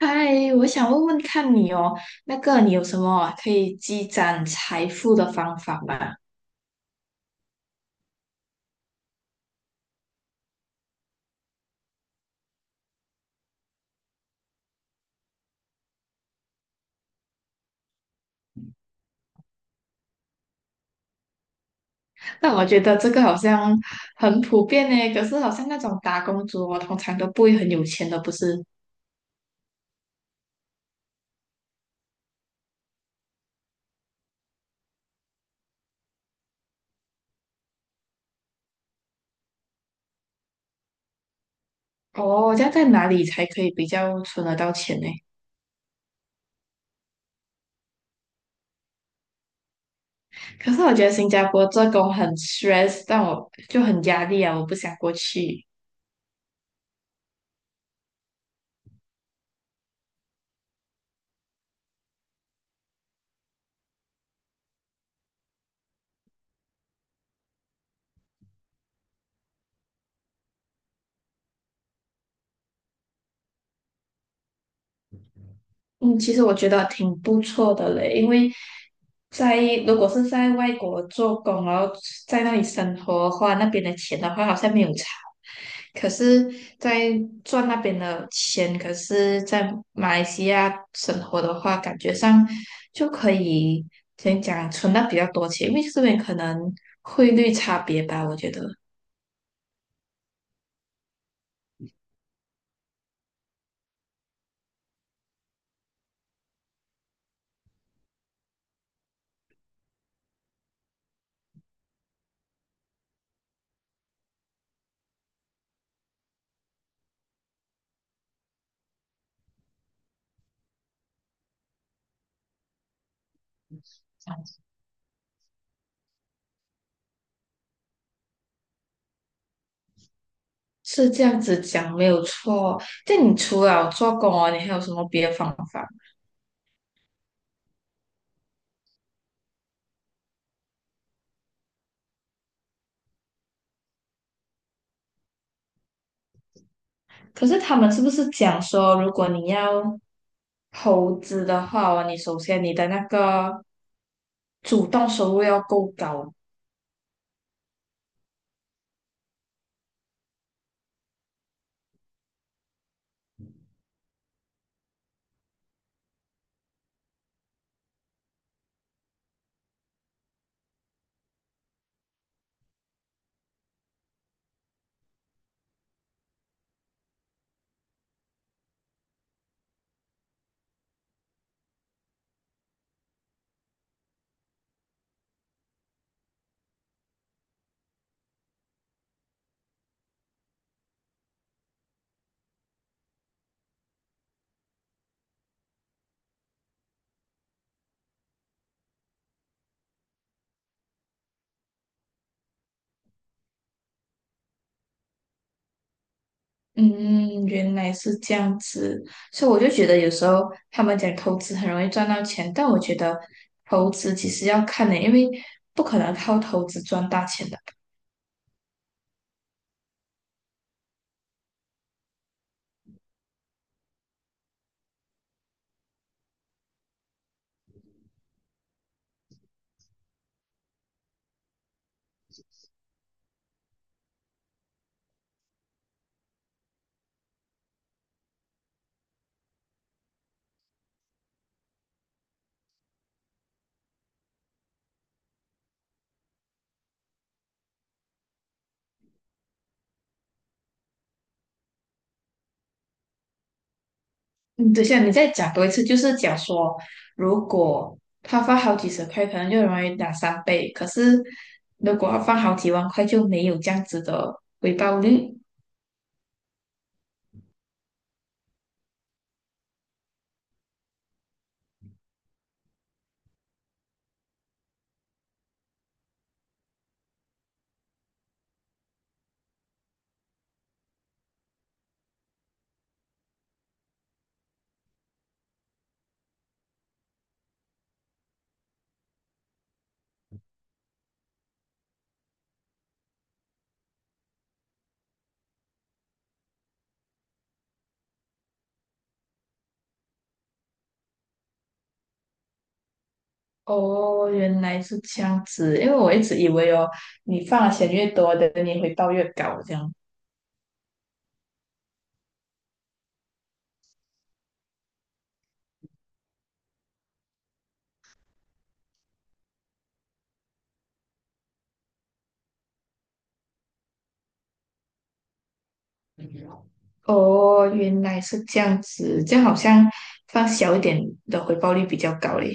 嗨，我想问问看你哦，那个你有什么可以积攒财富的方法吗？那我觉得这个好像很普遍呢，可是好像那种打工族哦，通常都不会很有钱的，不是？哦，这样在哪里才可以比较存得到钱呢？可是我觉得新加坡做工很 stress，但我就很压力啊，我不想过去。嗯，其实我觉得挺不错的嘞，因为在如果是在外国做工，然后在那里生活的话，那边的钱的话，好像没有差。可是，在赚那边的钱，可是在马来西亚生活的话，感觉上就可以怎样讲啊存到比较多钱，因为这边可能汇率差别吧，我觉得是这样子讲没有错。这样你除了做工哦，你还有什么别的方法？可是他们是不是讲说，如果你要投资的话哦你首先你的那个主动收入要够高。嗯，原来是这样子，所以我就觉得有时候他们讲投资很容易赚到钱，但我觉得投资其实要看的，因为不可能靠投资赚大钱的。嗯，等一下，你再讲多一次，就是讲说，如果他放好几十块，可能就容易两三倍；可是如果他放好几万块，就没有这样子的回报率。哦，原来是这样子，因为我一直以为哦，你放的钱越多的，你回报越高这样。哦，原来是这样子，这样好像放小一点的回报率比较高嘞。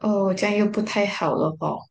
哦，这样又不太好了哦。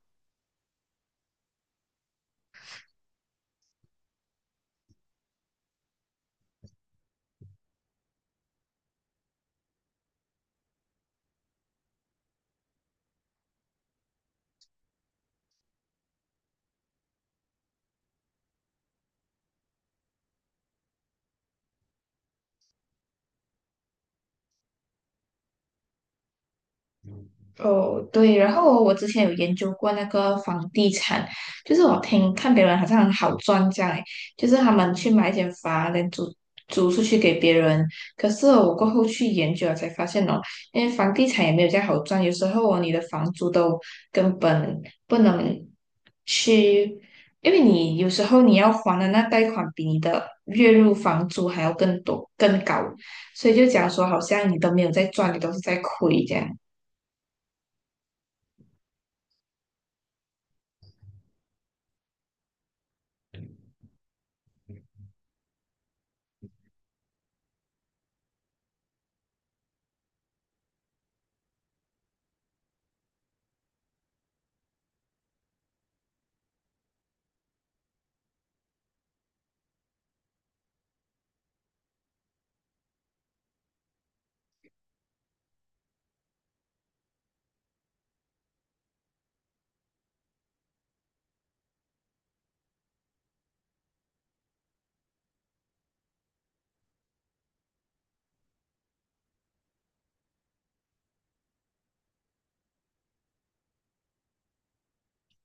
哦，对，然后我之前有研究过那个房地产，就是我听看别人好像很好赚这样，诶，就是他们去买一间房，然后租出去给别人。可是我过后去研究了才发现哦，因为房地产也没有这样好赚，有时候哦，你的房租都根本不能去，因为你有时候你要还的那贷款比你的月入房租还要更多更高，所以就讲说好像你都没有在赚，你都是在亏这样。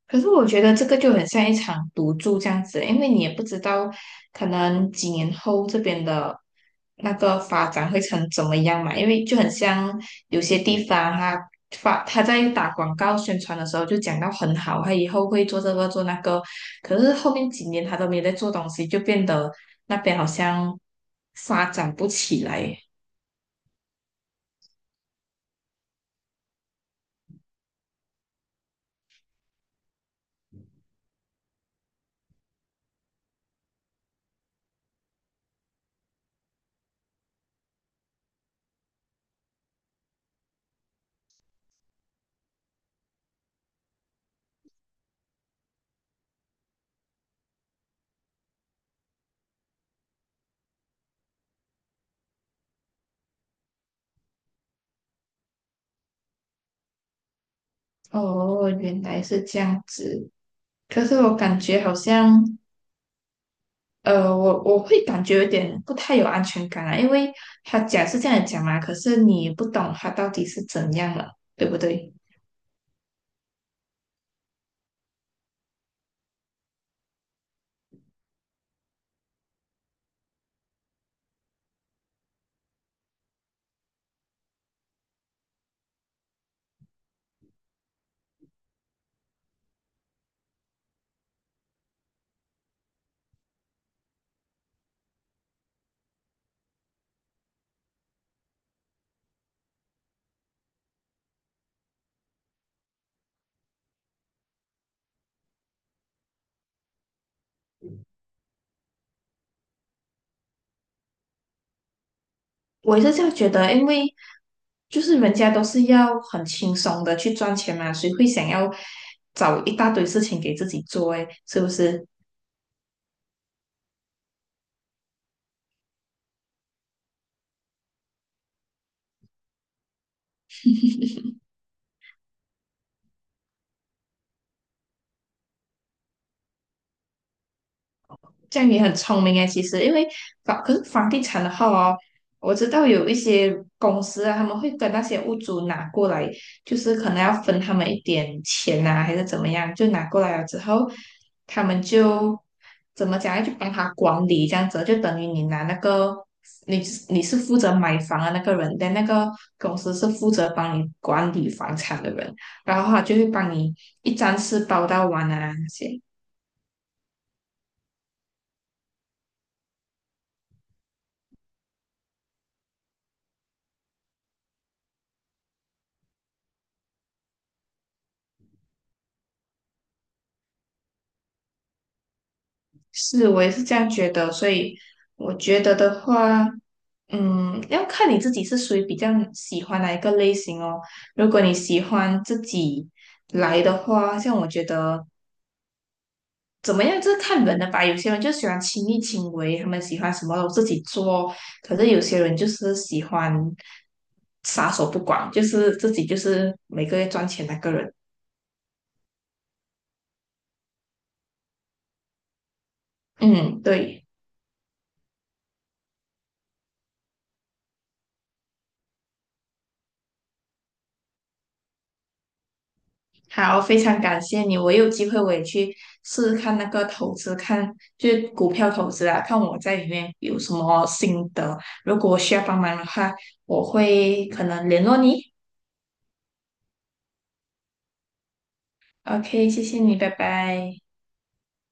可是我觉得这个就很像一场赌注这样子，因为你也不知道可能几年后这边的那个发展会成怎么样嘛，因为就很像有些地方它发它在打广告宣传的时候就讲到很好，它以后会做这个做那个，可是后面几年它都没有在做东西，就变得那边好像发展不起来。哦，原来是这样子。可是我感觉好像。我会感觉有点不太有安全感啊，因为他讲是这样讲嘛，可是你不懂他到底是怎样了，对不对？我也是这样觉得，因为就是人家都是要很轻松的去赚钱嘛，谁会想要找一大堆事情给自己做诶，是不是？这样也很聪明诶，其实因为房可是房地产的话哦，我知道有一些公司啊，他们会跟那些屋主拿过来，就是可能要分他们一点钱啊，还是怎么样，就拿过来了之后，他们就怎么讲，要去帮他管理这样子，就等于你拿那个你你是负责买房的那个人，但那个公司是负责帮你管理房产的人，然后他就会帮你一站式包到完啊那些。是，我也是这样觉得，所以我觉得的话，嗯，要看你自己是属于比较喜欢哪一个类型哦。如果你喜欢自己来的话，像我觉得怎么样，就是看人的吧。有些人就喜欢亲力亲为，他们喜欢什么都自己做；可是有些人就是喜欢撒手不管，就是自己就是每个月赚钱那个人。嗯，对。好，非常感谢你，我有机会我也去试试看那个投资，看就是股票投资啊，看我在里面有什么心得。如果需要帮忙的话，我会可能联络你。OK，谢谢你，拜拜。